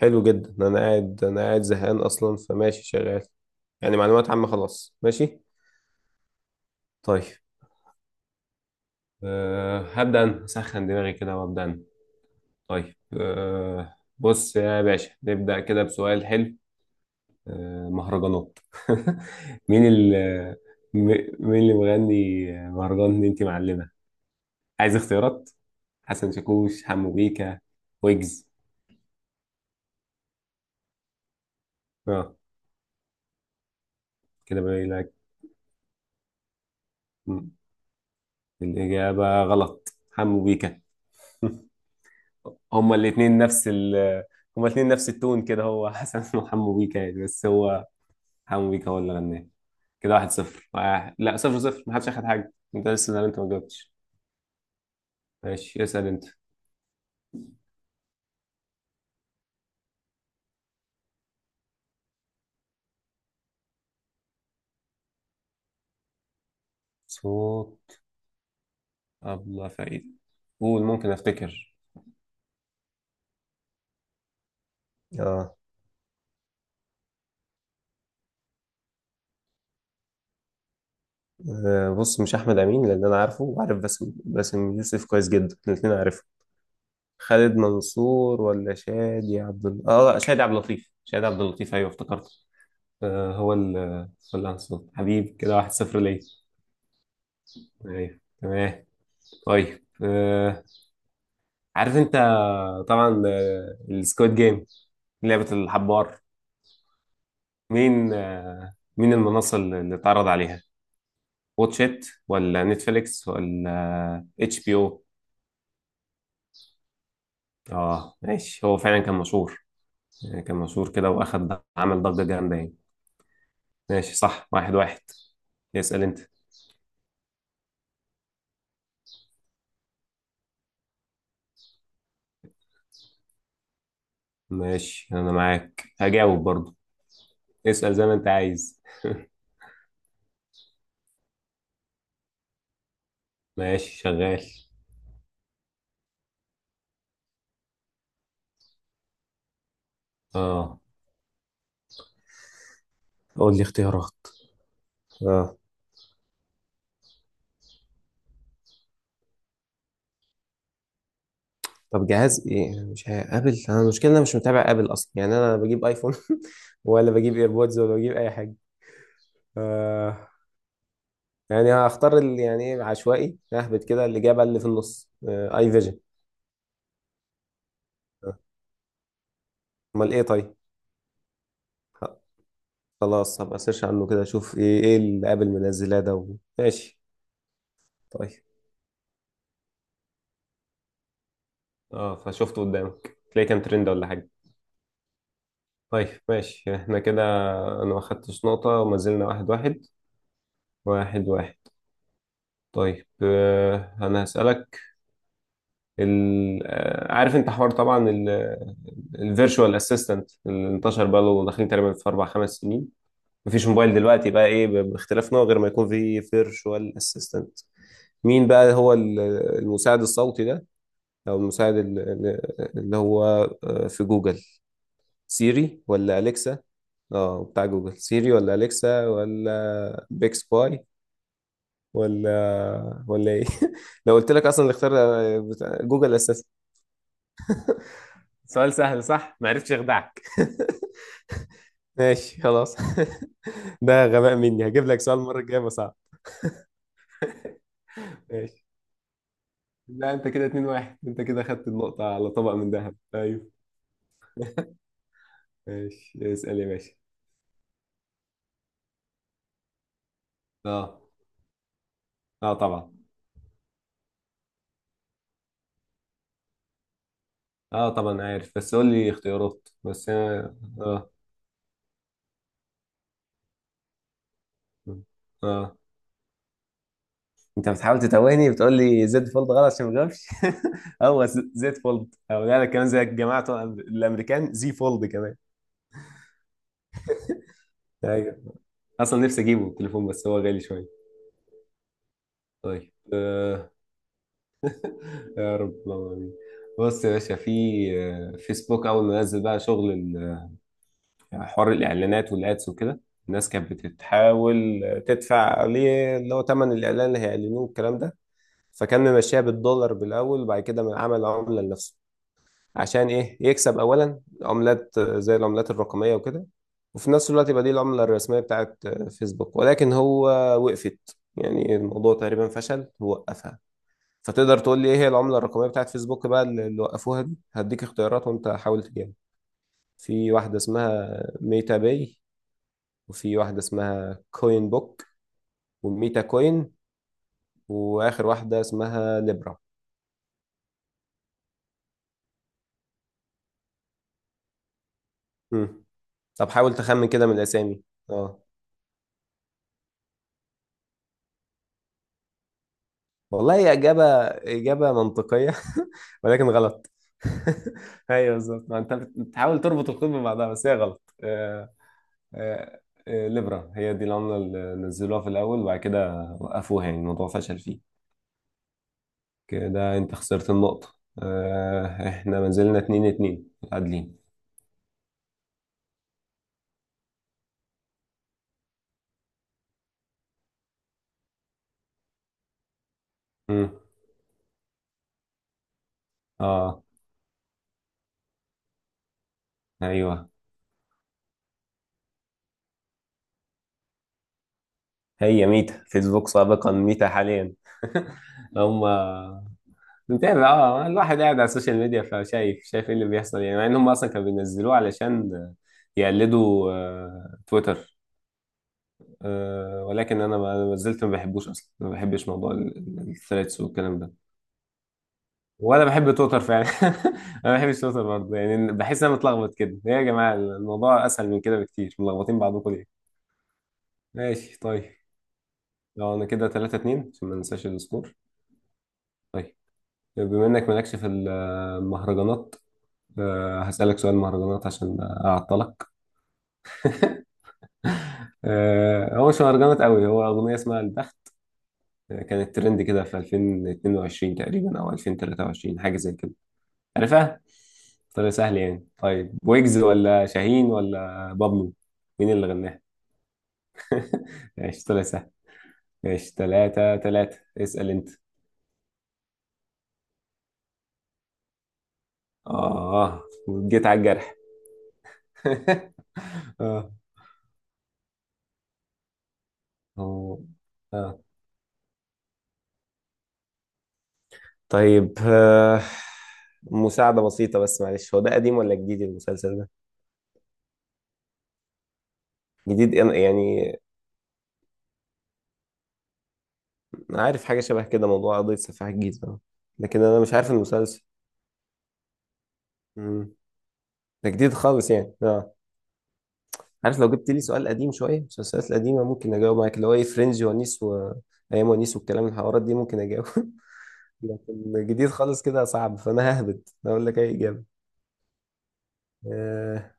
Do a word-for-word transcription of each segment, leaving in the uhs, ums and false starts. حلو جدا، انا قاعد انا قاعد زهقان اصلا فماشي شغال. يعني معلومات عامة، خلاص ماشي. طيب، أه هبدأ انا، اسخن دماغي كده وابدأ انا. طيب، أه بص يا باشا، نبدأ كده بسؤال حلو. أه مهرجانات. مين ال م- مين اللي مغني مهرجان اللي انت معلمة؟ عايز اختيارات: حسن شاكوش، حمو بيكا، ويجز. اه، كده باين لك. م. الإجابة غلط، حمو بيكا. هما الاثنين نفس ال هما الاثنين نفس التون كده، هو حسن وحمو بيكا يعني، بس هو حمو بيكا هو اللي غناه. كده واحد صفر واحد. لا، صفر صفر، محدش اخد حاجة، انت لسه ده اللي انت ما جاوبتش. ماشي، اسأل انت. صوت أبلة فقير. قول ممكن افتكر. اه. آه، بص، مش احمد امين، لان انا عارفه وعارف باسم باسم يوسف كويس جدا، الاثنين عارفه. خالد منصور ولا شادي عبد ال... اه لا شادي عبد اللطيف. شادي عبد اللطيف، ايوه افتكرت. آه، هو ال هو الأنصار حبيب. كده واحد صفر ليا. أيوة تمام. طيب، آه، عارف أنت؟ طبعا آه، السكواد جيم، لعبة الحبار. مين آه، مين المنصة اللي اللي اتعرض عليها؟ واتش إت، ولا نتفليكس، ولا اتش بي او؟ اه ماشي، هو فعلا كان مشهور. يعني كان مشهور كده، واخد، عمل ضجة جامدة يعني. ماشي صح، واحد واحد. اسأل انت. ماشي، انا معاك هجاوب برضو. اسأل زي ما انت عايز. ماشي شغال. اه. قول لي اختيارات. اه. طب جهاز ايه؟ مش عارف، ابل، انا المشكله إن انا مش متابع ابل اصلا. يعني انا بجيب ايفون ولا بجيب ايربودز ولا بجيب اي حاجه. آه يعني هختار اللي يعني ايه، عشوائي، اهبط كده، الاجابه اللي في النص، آه اي فيجن. آه، امال ايه طيب؟ آه، خلاص، هبقى سيرش عنه كده، اشوف ايه ايه اللي ابل منزلاه ده و... ماشي. طيب اه، فشفته قدامك، تلاقي كان ترند ولا حاجه؟ طيب ماشي، احنا كده انا ما خدتش نقطه، وما زلنا واحد واحد. واحد واحد. طيب، آه، انا هسألك. ال... آه، عارف انت حوار طبعا الفيرتشوال اسيستنت، اللي انتشر بقى له داخلين تقريبا في اربع خمس سنين. مفيش موبايل دلوقتي بقى ايه ب- باختلاف نوع غير ما يكون فيه فيرتشوال اسيستنت. مين بقى هو ال- المساعد الصوتي ده، او المساعد ال- ال- اللي هو آه، في جوجل؟ سيري ولا اليكسا؟ اه، بتاع جوجل، سيري ولا اليكسا ولا بيكس باي؟ ولا ولا ايه؟ لو قلت لك اصلا اللي اختار بتاع جوجل اساسا. سؤال سهل صح، ما عرفتش اخدعك. ماشي خلاص. ده غباء مني، هجيب لك سؤال المره الجايه بس صعب. ماشي. لا، انت كده اتنين واحد، انت كده خدت النقطه على طبق من ذهب، ايوه. ماشي، اسال يا باشا. اه. اه طبعا. اه طبعا عارف، بس قول لي اختيارات، بس انا. اه. اه، انت بتحاول تتوهني، بتقول لي زد فولد غلط عشان ما جاوبش. هو ز- زد فولد، او لا لا كمان زي الجماعه بتوع الامريكان زي فولد كمان. ايوه. اصلا نفسي اجيبه التليفون بس هو غالي شويه. طيب آه، يا رب، اللهم امين. بص يا باشا، في آه، فيسبوك، اول ما نزل بقى شغل ال- حوار الاعلانات والادس وكده، الناس كانت بتحاول تدفع عليه، اللي هو ثمن الاعلان اللي هيعلنوه الكلام ده. فكان ممشيها بالدولار بالاول، وبعد كده من عمل عمله لنفسه، عشان ايه؟ يكسب اولا عملات آه، زي العملات الرقميه وكده، وفي نفس الوقت يبقى دي العمله الرسميه بتاعت آه، فيسبوك. ولكن هو وقفت، يعني الموضوع تقريبا فشل ووقفها. فتقدر تقول لي ايه هي العمله الرقميه بتاعت فيسبوك بقى، اللي اللي وقفوها دي؟ هديك اختيارات وانت حاول تجاوب. في واحده اسمها ميتا باي، وفي واحده اسمها كوين بوك، وميتا كوين، واخر واحده اسمها ليبرا. مم. طب حاول تخمن كده من الاسامي. اه، والله هي إجابة إجابة منطقية. ولكن غلط. ايوه بالظبط، ما انت بتحاول تربط الخيط ببعضها، بس هي غلط. آه، آه، آه، ليبرا هي دي العملة اللي نزلوها في الأول، وبعد كده وقفوها، يعني الموضوع فشل فيه. كده أنت خسرت النقطة. آه، إحنا ما زلنا اتنين اتنين، متعادلين. مم. آه أيوه، هي ميتا، فيسبوك سابقا، ميتا حاليا. هم. متابع اه، الواحد قاعد على السوشيال ميديا، فشايف، شايف ايه اللي بيحصل يعني. مع ان هم اصلا كانوا بينزلوه علشان يقلدوا آه، تويتر، آه، ولكن انا ما ما زلت ما بحبوش اصلا، ما بحبش موضوع ال- ال- الثريدز والكلام ده. ولا بحب تويتر فعلا. انا ما بحبش تويتر برضه يعني، بحس ان انا متلخبط كده. إيه يا جماعه؟ الموضوع اسهل من كده بكتير، ملخبطين بعضكم ليه؟ ماشي طيب، لو انا كده تلاتة اتنين، عشان ما ننساش السكور. طيب، بما انك مالكش في المهرجانات، أه هسألك سؤال مهرجانات عشان أعطلك. أه هو مش مهرجانات قوي، هو أغنية اسمها البخت. آه، كانت ترند كده في ألفين واتنين وعشرين تقريبا أو ألفين وتلاتة وعشرين، حاجة زي كده. عارفها؟ طريقة سهل يعني، طيب، ويجز ولا شاهين ولا بابلو؟ مين اللي غناها؟ ماشي طلع سهل. ماشي تلاتة تلاتة، اسأل أنت. آه جيت على الجرح. آه هو- آه طيب آه، مساعدة بسيطة بس معلش، هو ده قديم ولا جديد المسلسل ده؟ جديد أنا- يعني أنا عارف حاجة شبه كده، موضوع قضية سفاح الجيزة ده. لكن أنا مش عارف المسلسل. مم. ده جديد خالص يعني، اه. عارف، لو جبت لي سؤال قديم شوية، المسلسلات القديمة ممكن أجاوب معاك، اللي هو إيه، فرنج ونيس وأيام ونيس والكلام، الحوارات دي ممكن أجاوب. لكن جديد خالص كده صعب، فأنا ههبط أقول لك أي إجابة. آه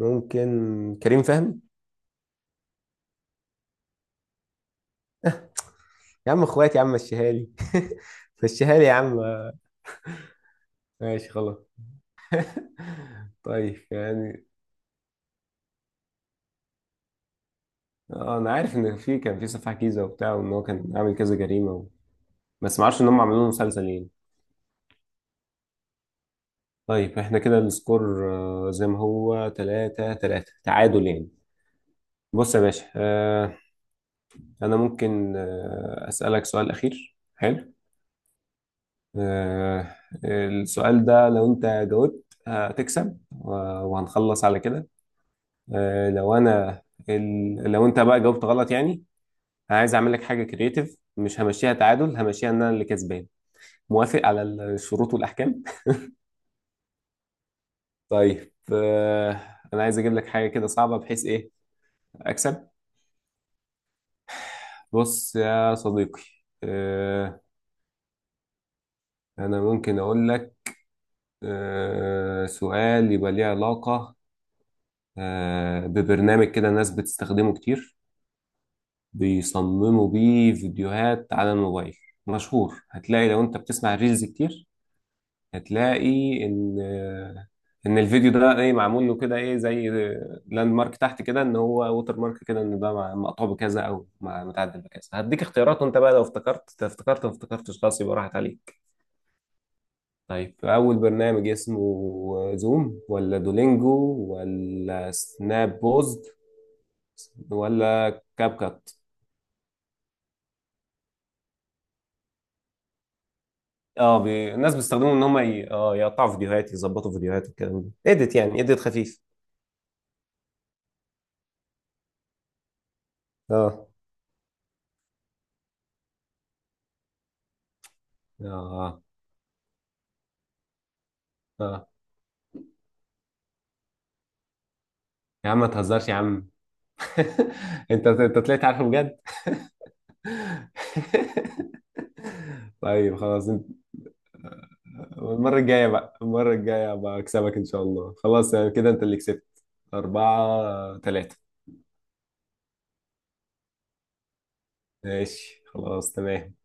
ممكن كريم فهمي. يا عم إخواتي يا عم، مشيها لي. مشيها لي يا عم. آه، ماشي خلاص. طيب يعني، اه، انا عارف ان في، كان في سفاح جيزه وبتاع، وان هو كان عامل كذا جريمه و... بس ما اعرفش ان هم عملوا له مسلسل يعني. طيب احنا كده السكور آه، زي ما هو تلاتة تلاتة، تعادل يعني. بص يا باشا، آه، انا ممكن آه، اسالك سؤال اخير حلو. آه، السؤال ده لو انت جاوبت هتكسب، و- وهنخلص على كده. آه، لو انا، ال... لو انت بقى جاوبت غلط يعني، عايز اعمل لك حاجه كرييتيف، مش همشيها تعادل، همشيها ان انا اللي كسبان. موافق على الشروط والاحكام؟ طيب آه، انا عايز اجيب لك حاجه كده صعبه، بحيث ايه اكسب. بص يا صديقي، آه، انا ممكن اقول لك آه، سؤال يبقى ليه علاقه آه، ببرنامج كده ناس بتستخدمه كتير، بيصمموا بيه فيديوهات على الموبايل، مشهور. هتلاقي لو انت بتسمع ريلز كتير، هتلاقي ان ان الفيديو ده ايه، معمول له كده ايه، زي لاند مارك تحت كده، ان هو ووتر مارك كده، ان ده مع- مقطوع بكذا او مع- متعدل بكذا. هديك اختيارات وانت بقى لو افتكرت افتكرت، ما افتكرتش خلاص يبقى راحت عليك. طيب، اول برنامج اسمه زوم، ولا دولينجو، ولا سناب بوزد، ولا كاب كات؟ اه، بي... الناس بيستخدموا ان هم ي... اه يقطعوا فيديوهات، يظبطوا فيديوهات والكلام ده، اديت يعني، اديت خفيف. اه. اه. اه، يا عم ما تهزرش يا عم. انت انت طلعت عارفه بجد. طيب خلاص انت. المرة الجاية بقى، المرة الجاية بقى اكسبك ان شاء الله. خلاص يعني كده انت اللي كسبت. أربعة تلاتة. ماشي خلاص تمام.